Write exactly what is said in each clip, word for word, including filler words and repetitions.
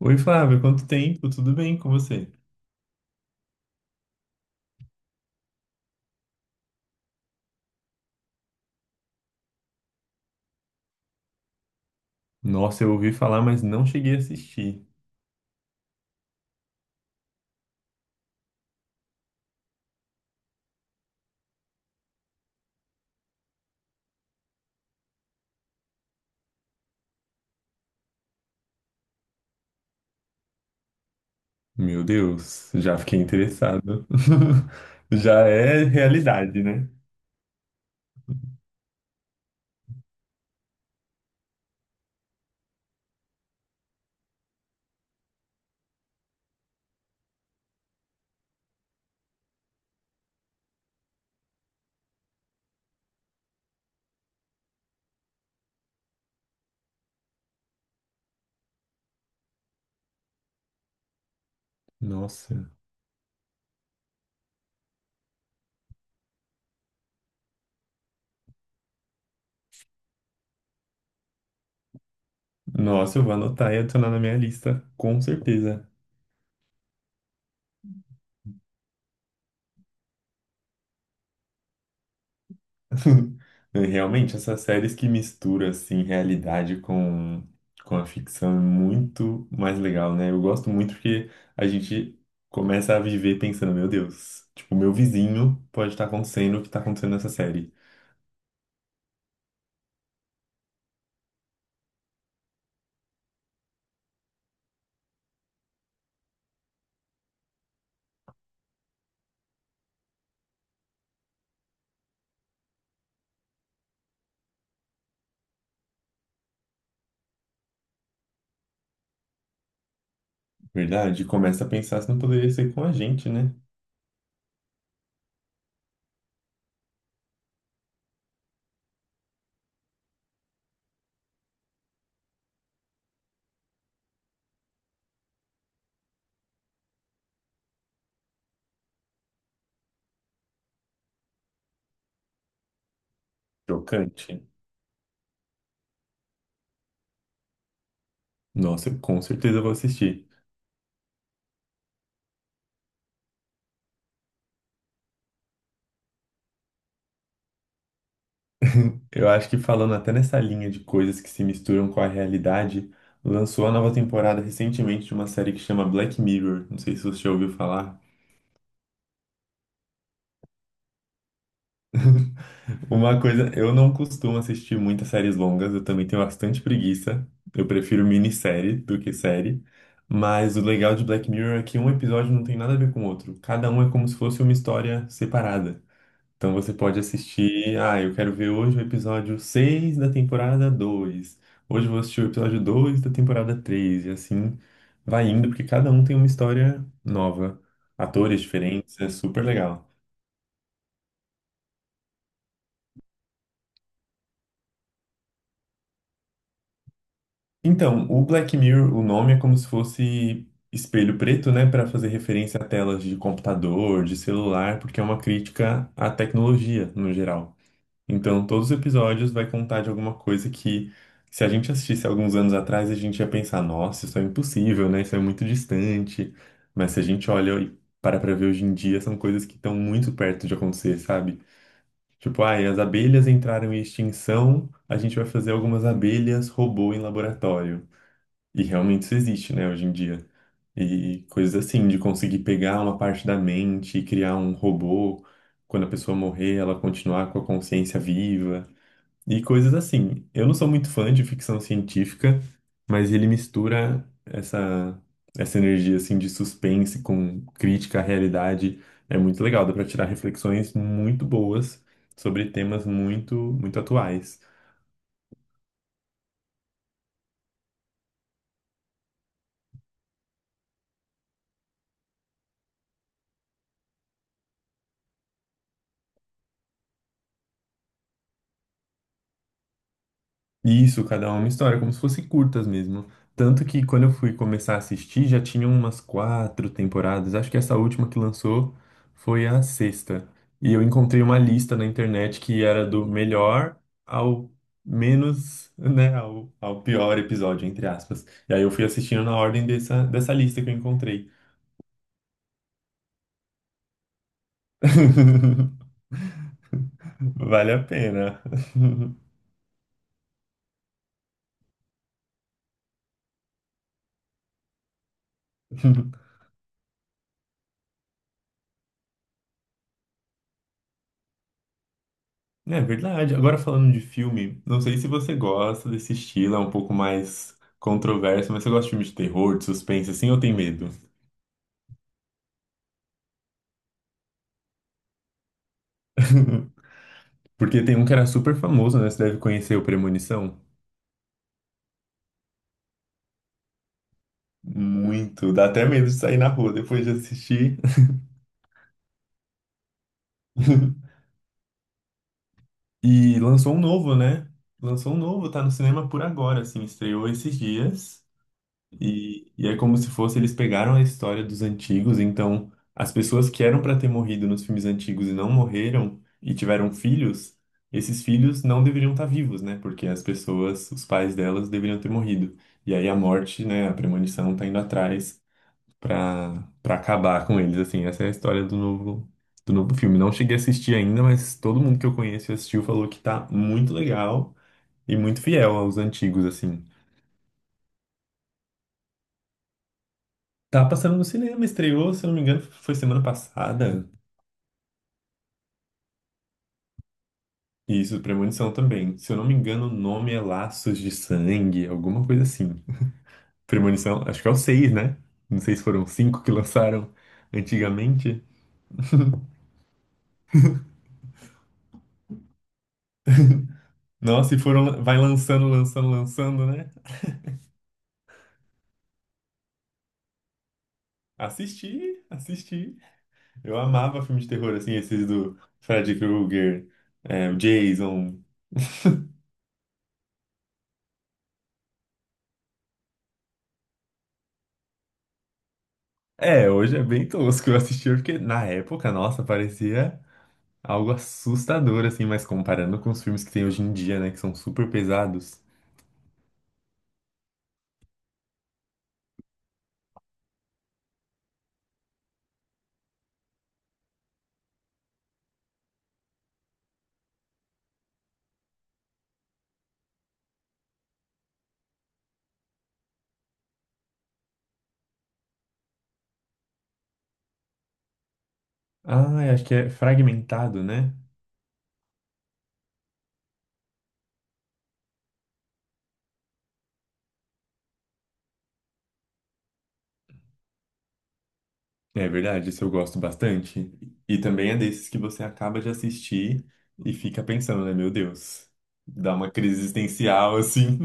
Oi, Flávio, quanto tempo? Tudo bem com você? Nossa, eu ouvi falar, mas não cheguei a assistir. Meu Deus, já fiquei interessado. Já é realidade, né? Nossa, nossa, eu vou anotar e adicionar na minha lista, com certeza. Realmente, essas séries que misturam assim realidade com com a ficção é muito mais legal, né? Eu gosto muito porque a gente começa a viver pensando, meu Deus, tipo, meu vizinho pode estar acontecendo o que está acontecendo nessa série. Verdade, começa a pensar se não poderia ser com a gente, né? Chocante. Nossa, eu com certeza vou assistir. Eu acho que falando até nessa linha de coisas que se misturam com a realidade, lançou a nova temporada recentemente de uma série que chama Black Mirror. Não sei se você já ouviu falar. Uma coisa, eu não costumo assistir muitas séries longas, eu também tenho bastante preguiça. Eu prefiro minissérie do que série. Mas o legal de Black Mirror é que um episódio não tem nada a ver com o outro. Cada um é como se fosse uma história separada. Então você pode assistir, ah, eu quero ver hoje o episódio seis da temporada dois. Hoje eu vou assistir o episódio dois da temporada três e assim vai indo, porque cada um tem uma história nova, atores diferentes, é super legal. Então, o Black Mirror, o nome é como se fosse espelho preto, né, para fazer referência a telas de computador, de celular, porque é uma crítica à tecnologia no geral. Então, todos os episódios vai contar de alguma coisa que, se a gente assistisse alguns anos atrás, a gente ia pensar, nossa, isso é impossível, né? Isso é muito distante. Mas se a gente olha e para pra ver hoje em dia, são coisas que estão muito perto de acontecer, sabe? Tipo, ai, as abelhas entraram em extinção, a gente vai fazer algumas abelhas robô em laboratório. E realmente isso existe, né, hoje em dia. E coisas assim, de conseguir pegar uma parte da mente e criar um robô, quando a pessoa morrer, ela continuar com a consciência viva e coisas assim. Eu não sou muito fã de ficção científica, mas ele mistura essa, essa energia assim de suspense com crítica à realidade. É muito legal, dá para tirar reflexões muito boas sobre temas muito, muito atuais. Isso, cada uma história, como se fossem curtas mesmo. Tanto que quando eu fui começar a assistir, já tinham umas quatro temporadas. Acho que essa última que lançou foi a sexta. E eu encontrei uma lista na internet que era do melhor ao menos, né, ao, ao pior episódio, entre aspas. E aí eu fui assistindo na ordem dessa, dessa lista que eu encontrei. Vale a pena. É verdade. Agora falando de filme, não sei se você gosta desse estilo, é um pouco mais controverso, mas você gosta de filme de terror, de suspense, assim, ou tem medo? Porque tem um que era super famoso, né? Você deve conhecer o Premonição. Muito. Dá até medo de sair na rua depois de assistir. E lançou um novo, né? Lançou um novo, tá no cinema por agora, assim, estreou esses dias. E, e é como se fosse eles pegaram a história dos antigos, então as pessoas que eram para ter morrido nos filmes antigos e não morreram e tiveram filhos, esses filhos não deveriam estar vivos, né? Porque as pessoas, os pais delas deveriam ter morrido. E aí a morte, né, a premonição tá indo atrás para para acabar com eles, assim. Essa é a história do novo do novo filme. Não cheguei a assistir ainda, mas todo mundo que eu conheço e assistiu falou que tá muito legal e muito fiel aos antigos, assim. Tá passando no cinema, estreou, se eu não me engano, foi semana passada. Isso, Premonição também. Se eu não me engano, o nome é Laços de Sangue, alguma coisa assim. Premonição, acho que é o seis né? Não sei se foram cinco que lançaram antigamente. Nossa, e foram, vai lançando, lançando, lançando, né? Assisti, assisti. Eu amava filme de terror, assim, esses do Freddy Krueger, é, o Jason. É, hoje é bem tosco. Eu assisti porque na época, nossa, parecia. Algo assustador, assim, mas comparando com os filmes que tem hoje em dia, né? Que são super pesados. Ah, eu acho que é Fragmentado, né? É verdade, esse eu gosto bastante. E também é desses que você acaba de assistir e fica pensando, né? Meu Deus, dá uma crise existencial, assim.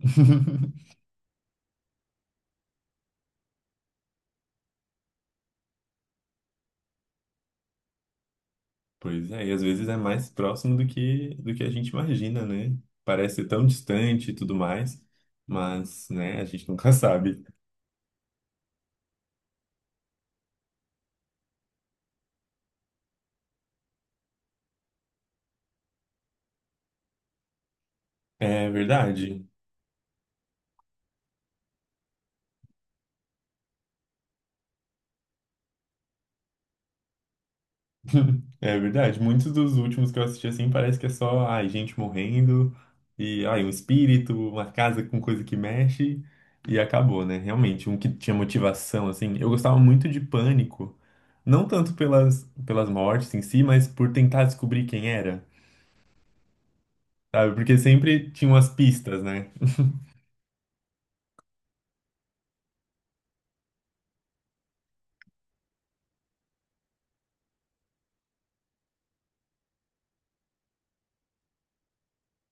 Pois é, e às vezes é mais próximo do que, do que a gente imagina, né? Parece tão distante e tudo mais, mas, né, a gente nunca sabe. É verdade. É verdade. Muitos dos últimos que eu assisti assim parece que é só, ai, gente morrendo e, ai, um espírito, uma casa com coisa que mexe e acabou, né? Realmente, um que tinha motivação, assim. Eu gostava muito de Pânico, não tanto pelas, pelas mortes em si, mas por tentar descobrir quem era, sabe? Porque sempre tinham as pistas, né?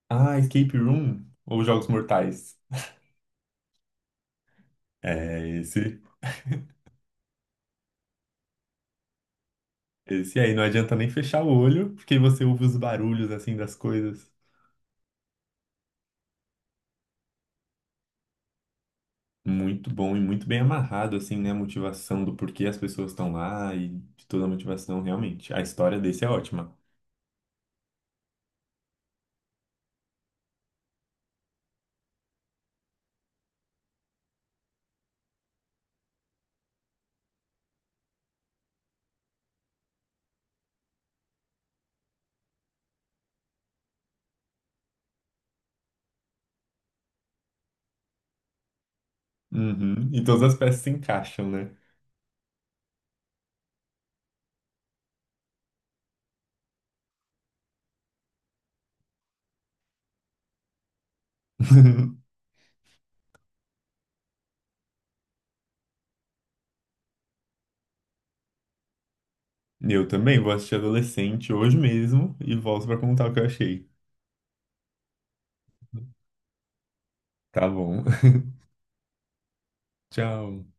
Ah, Escape Room ou Jogos Mortais. É, esse, esse aí. Não adianta nem fechar o olho, porque você ouve os barulhos, assim, das coisas. Muito bom e muito bem amarrado, assim, né? A motivação do porquê as pessoas estão lá e de toda a motivação, realmente. A história desse é ótima. Uhum. E todas as peças se encaixam, né? Eu também vou assistir Adolescente hoje mesmo e volto pra contar o que eu achei. Tá bom. Tchau.